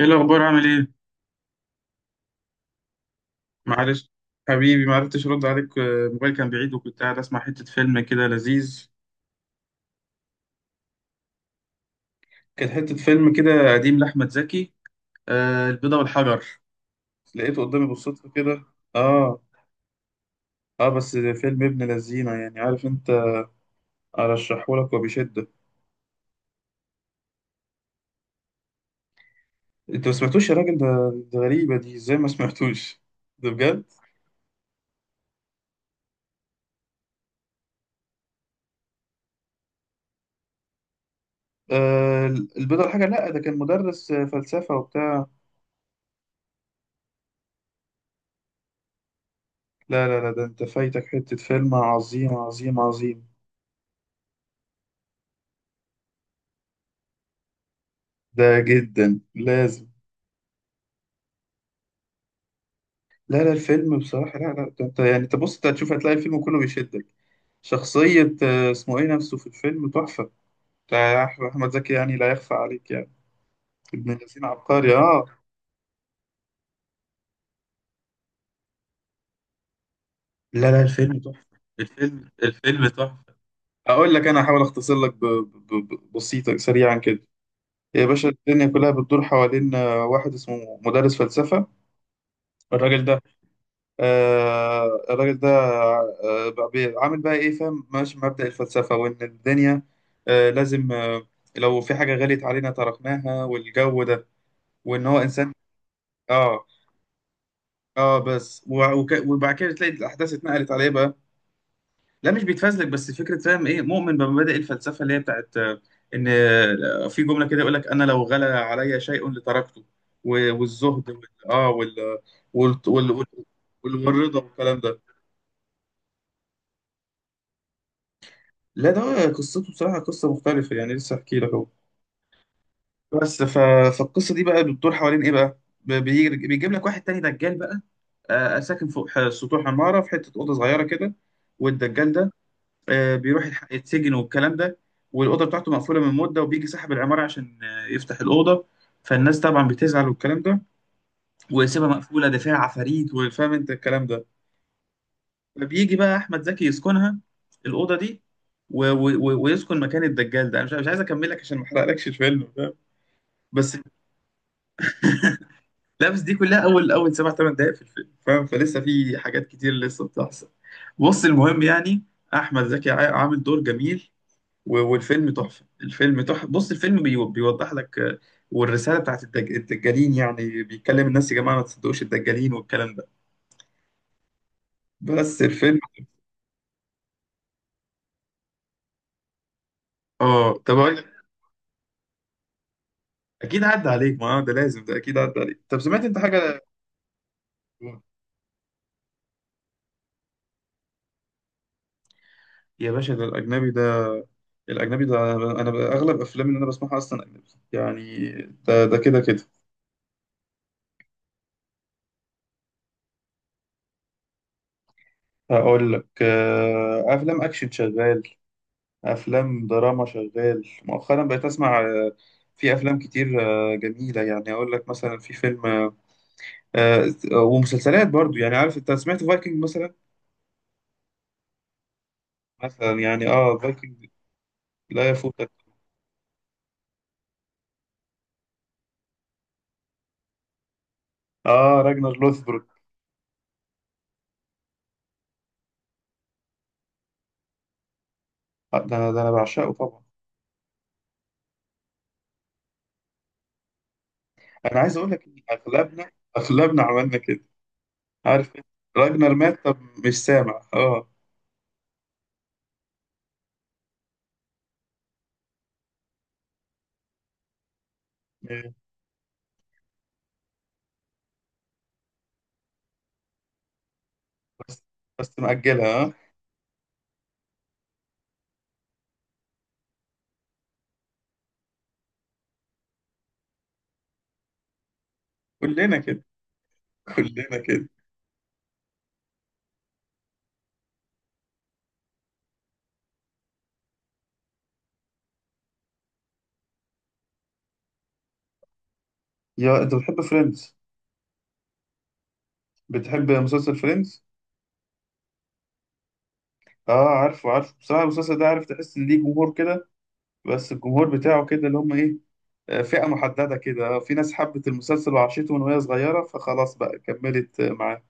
ايه الاخبار؟ عامل ايه؟ معلش. حبيبي ما عرفتش ارد عليك، الموبايل كان بعيد وكنت قاعد اسمع حته فيلم كده لذيذ. كانت حته فيلم كده قديم لاحمد زكي. آه، البيضه والحجر. لقيته قدامي بالصدفه كده. اه. اه، بس ده فيلم ابن لذينه، يعني عارف انت. ارشحه لك وبشده. انت ما سمعتوش يا راجل ده؟ ده غريبه دي، ازاي ما سمعتوش ده بجد. آه، البيضه والحجر. لا ده كان مدرس، فلسفه وبتاع. لا لا لا، ده انت فايتك حته فيلم عظيم عظيم عظيم. ده جدا لازم. لا لا الفيلم بصراحة، لا لا ده انت يعني انت، بص انت هتشوف، هتلاقي الفيلم كله بيشدك. شخصية، اسمه ايه نفسه في الفيلم تحفة. بتاع أحمد زكي يعني لا يخفى عليك يعني. ابن الذين عبقري اه. لا لا الفيلم تحفة. الفيلم تحفة. أقول لك، أنا هحاول أختصر لك، بسيطة سريعا كده. يا باشا، الدنيا كلها بتدور حوالين واحد اسمه مدرس فلسفة. الراجل ده، الراجل ده بقى، عامل بقى ايه فاهم، ماشي مبدأ الفلسفة، وان الدنيا لازم لو في حاجة غليت علينا تركناها والجو ده، وان هو انسان. اه. اه بس، وبعد كده تلاقي الاحداث اتنقلت عليه بقى. لا مش بيتفزلك، بس فكرة، فاهم، ايه، مؤمن بمبادئ الفلسفة اللي هي بتاعت، ان في جملة كده يقول لك انا لو غلى علي شيء لتركته. والزهد وال وال- وال- والرضا والكلام ده. لا ده قصته بصراحة قصة مختلفة، يعني لسه احكي لك اهو. بس فالقصة دي بقى بتدور حوالين ايه بقى. بيجيب لك واحد تاني دجال بقى، ساكن فوق سطوح عمارة في حتة أوضة صغيرة كده. والدجال ده، بيروح يتسجن والكلام ده. والأوضة بتاعته مقفولة من مدة، وبيجي صاحب العمارة عشان يفتح الأوضة. فالناس طبعا بتزعل والكلام ده، ويسيبها مقفولة ده فيها عفاريت وفاهم انت الكلام ده. فبيجي بقى احمد زكي يسكنها، الاوضه دي، ويسكن مكان الدجال ده. انا مش عايز اكمل لك عشان ما احرقلكش الفيلم، فاهم. بس. لا بس دي كلها اول، 7 8 دقائق في الفيلم، فاهم، فلسه في حاجات كتير لسه بتحصل. بص المهم يعني، احمد زكي عامل دور جميل. والفيلم تحفه، الفيلم تحفه، بص الفيلم بيوضح لك، والرساله بتاعت الدجالين، يعني بيتكلم الناس، يا جماعه ما تصدقوش الدجالين والكلام ده. بس الفيلم. اه طب اكيد عدى عليك، ما ده لازم، ده اكيد عدى عليك. طب سمعت انت حاجه؟ يا باشا، ده الأجنبي ده. الأجنبي ده، أنا أغلب أفلام اللي أنا بسمعها أصلا أجنبي يعني، ده ده كده كده. هقول لك، أفلام أكشن شغال، أفلام دراما شغال، مؤخرا بقيت أسمع، في أفلام كتير جميلة، يعني أقول لك مثلا في فيلم ومسلسلات برضو، يعني عارف أنت، سمعت فايكنج مثلا؟ مثلا يعني فايكنج لا يفوتك. أه راجنر لوثبروك. ده أنا بعشقه طبعا. أنا عايز أقول لك إن أغلبنا، أغلبنا عملنا كده. عارف راجنر مات طب، مش سامع اه. إيه؟ بس، بس مأجلها اه. كلنا كده. كلنا كده. يا انت بتحب فريندز؟ بتحب مسلسل فريندز؟ اه عارفه عارفه، بصراحة المسلسل ده عارف، تحس ان ليه جمهور كده، بس الجمهور بتاعه كده اللي هم ايه، فئة محددة كده، في ناس حبت المسلسل وعاشته من وهي صغيرة فخلاص بقى كملت معاه.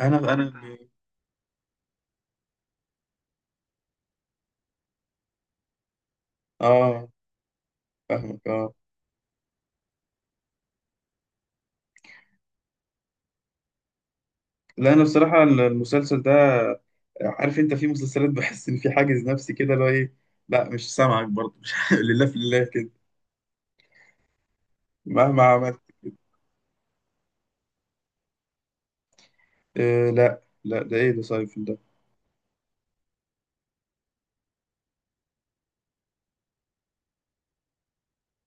انا اه، فاهمك اه. لا انا بصراحة المسلسل ده، عارف انت في مسلسلات بحس ان في حاجز نفسي كده اللي هو ايه. لا مش سامعك برضه مش لله في الله كده، مهما عملت. آه، لا لا ده ايه ده سايفل ده؟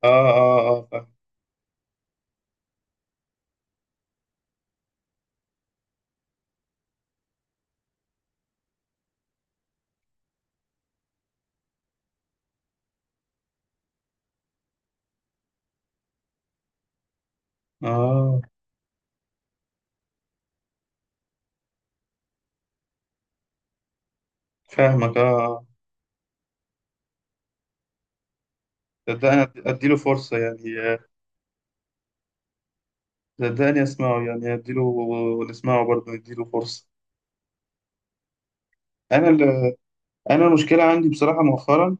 اه اه اه فاهم. اه فاهمك اه. اه صدقني، اديله فرصة، يعني صدقني اسمعه، يعني اديله، نسمعه برضه نديله فرصة. انا انا المشكلة عندي بصراحة مؤخرا،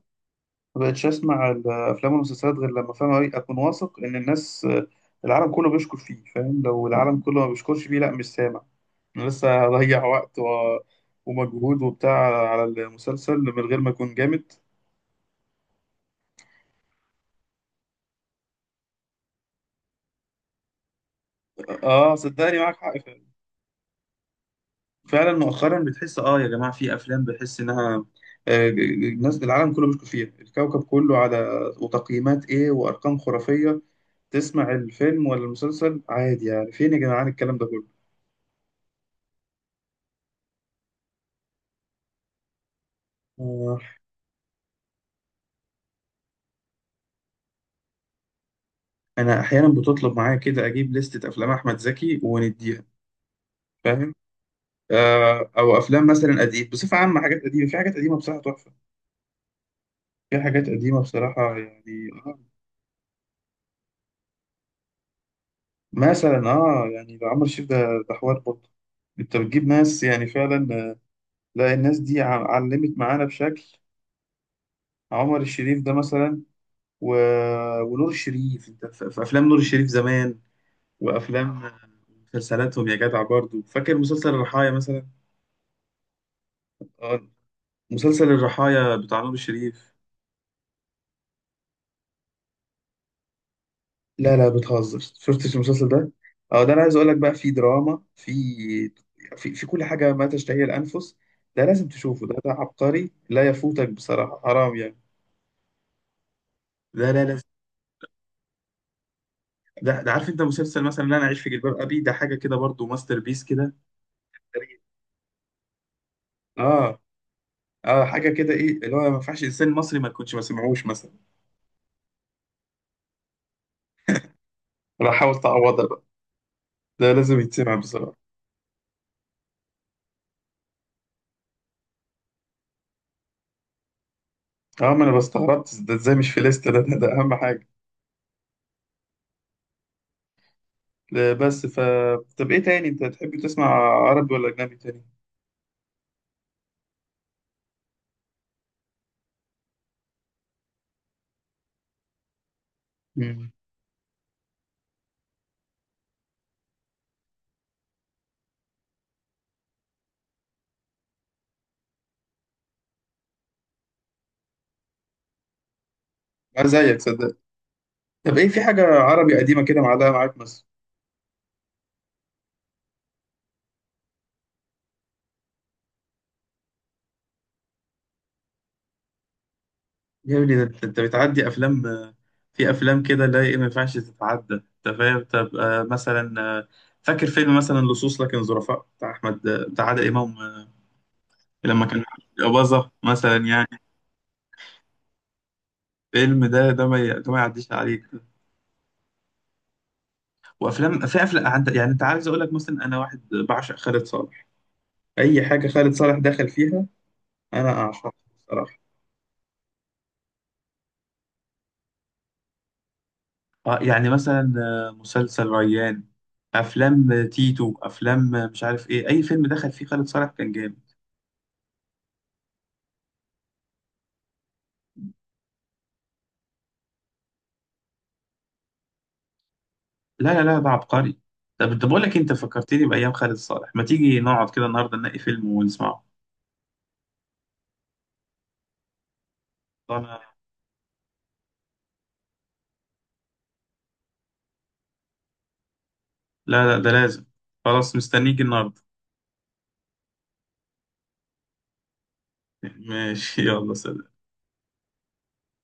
ما بقتش اسمع الافلام والمسلسلات غير لما فاهم أوي، اكون واثق ان الناس العالم كله بيشكر فيه، فاهم، لو العالم كله ما بيشكرش فيه لا مش سامع، انا لسه هضيع وقت ومجهود وبتاع على المسلسل من غير ما اكون جامد. اه صدقني معاك حق فعلا، فعلا مؤخرا بتحس، يا جماعه في افلام بحس انها، الناس العالم كله بيشكر فيها الكوكب كله، على وتقييمات ايه وارقام خرافيه، تسمع الفيلم ولا المسلسل عادي، يعني فين يا جدعان الكلام ده كله؟ آه. انا احيانا بتطلب معايا كده اجيب لستة افلام احمد زكي ونديها، فاهم. او افلام مثلا قديم بصفه عامه، حاجات قديمه، في حاجات قديمه بصراحه تحفه، في حاجات قديمه بصراحه يعني مثلا. اه يعني ده عمرو الشريف ده، ده حوار برضه. انت بتجيب ناس يعني فعلا، لا الناس دي علمت معانا بشكل. عمر الشريف ده مثلا، و... ونور الشريف، انت في افلام نور الشريف زمان، وافلام مسلسلاتهم، يا جدع برضه فاكر مسلسل الرحايا مثلا، آه، مسلسل الرحايا بتاع نور الشريف. لا لا بتهزر، شفتش المسلسل ده؟ اه ده انا عايز اقول لك بقى، في دراما، في، في كل حاجه ما تشتهي الانفس. ده لازم تشوفه، ده ده عبقري لا يفوتك بصراحه حرام يعني. لا لا لا، ده عارف انت مسلسل مثلا اللي انا عايش في جلباب ابي ده، حاجه كده برضو ماستر بيس كده. اه اه، حاجه كده ايه اللي هو ما ينفعش انسان مصري ما يكونش ما سمعوش مثلا. انا حاول تعوضها بقى، ده لازم يتسمع بصراحه. اه ما انا بستغربت ده ازاي مش في ليست، ده اهم حاجه. لا، بس طب ايه تاني انت تحب تسمع، عربي ولا اجنبي تاني؟ امم. انا زيك صدق. طب ايه، في حاجه عربي قديمه كده معلقه معاك مثلا؟ يا ابني، ده انت بتعدي افلام، في افلام كده لا ايه ما ينفعش تتعدى انت فاهم، طب مثلا فاكر فيلم مثلا لصوص لكن ظرفاء بتاع احمد، بتاع عادل امام، لما كان معاه أباظة مثلا يعني. الفيلم ده، ده ما ي- ده ما يعديش عليك. وافلام، في افلام يعني انت عايز اقول لك مثلا، انا واحد بعشق خالد صالح، اي حاجه خالد صالح دخل فيها انا اعشق بصراحه. يعني مثلا، مسلسل ريان، افلام تيتو، افلام مش عارف ايه، اي فيلم دخل فيه خالد صالح كان جامد. لا لا لا ده عبقري. طب انت، بقول لك انت فكرتني بايام خالد صالح، ما تيجي نقعد كده النهارده نلاقي فيلم ونسمعه. أنا- لا لا ده لازم. خلاص مستنيك النهارده. ماشي، يلا سلام.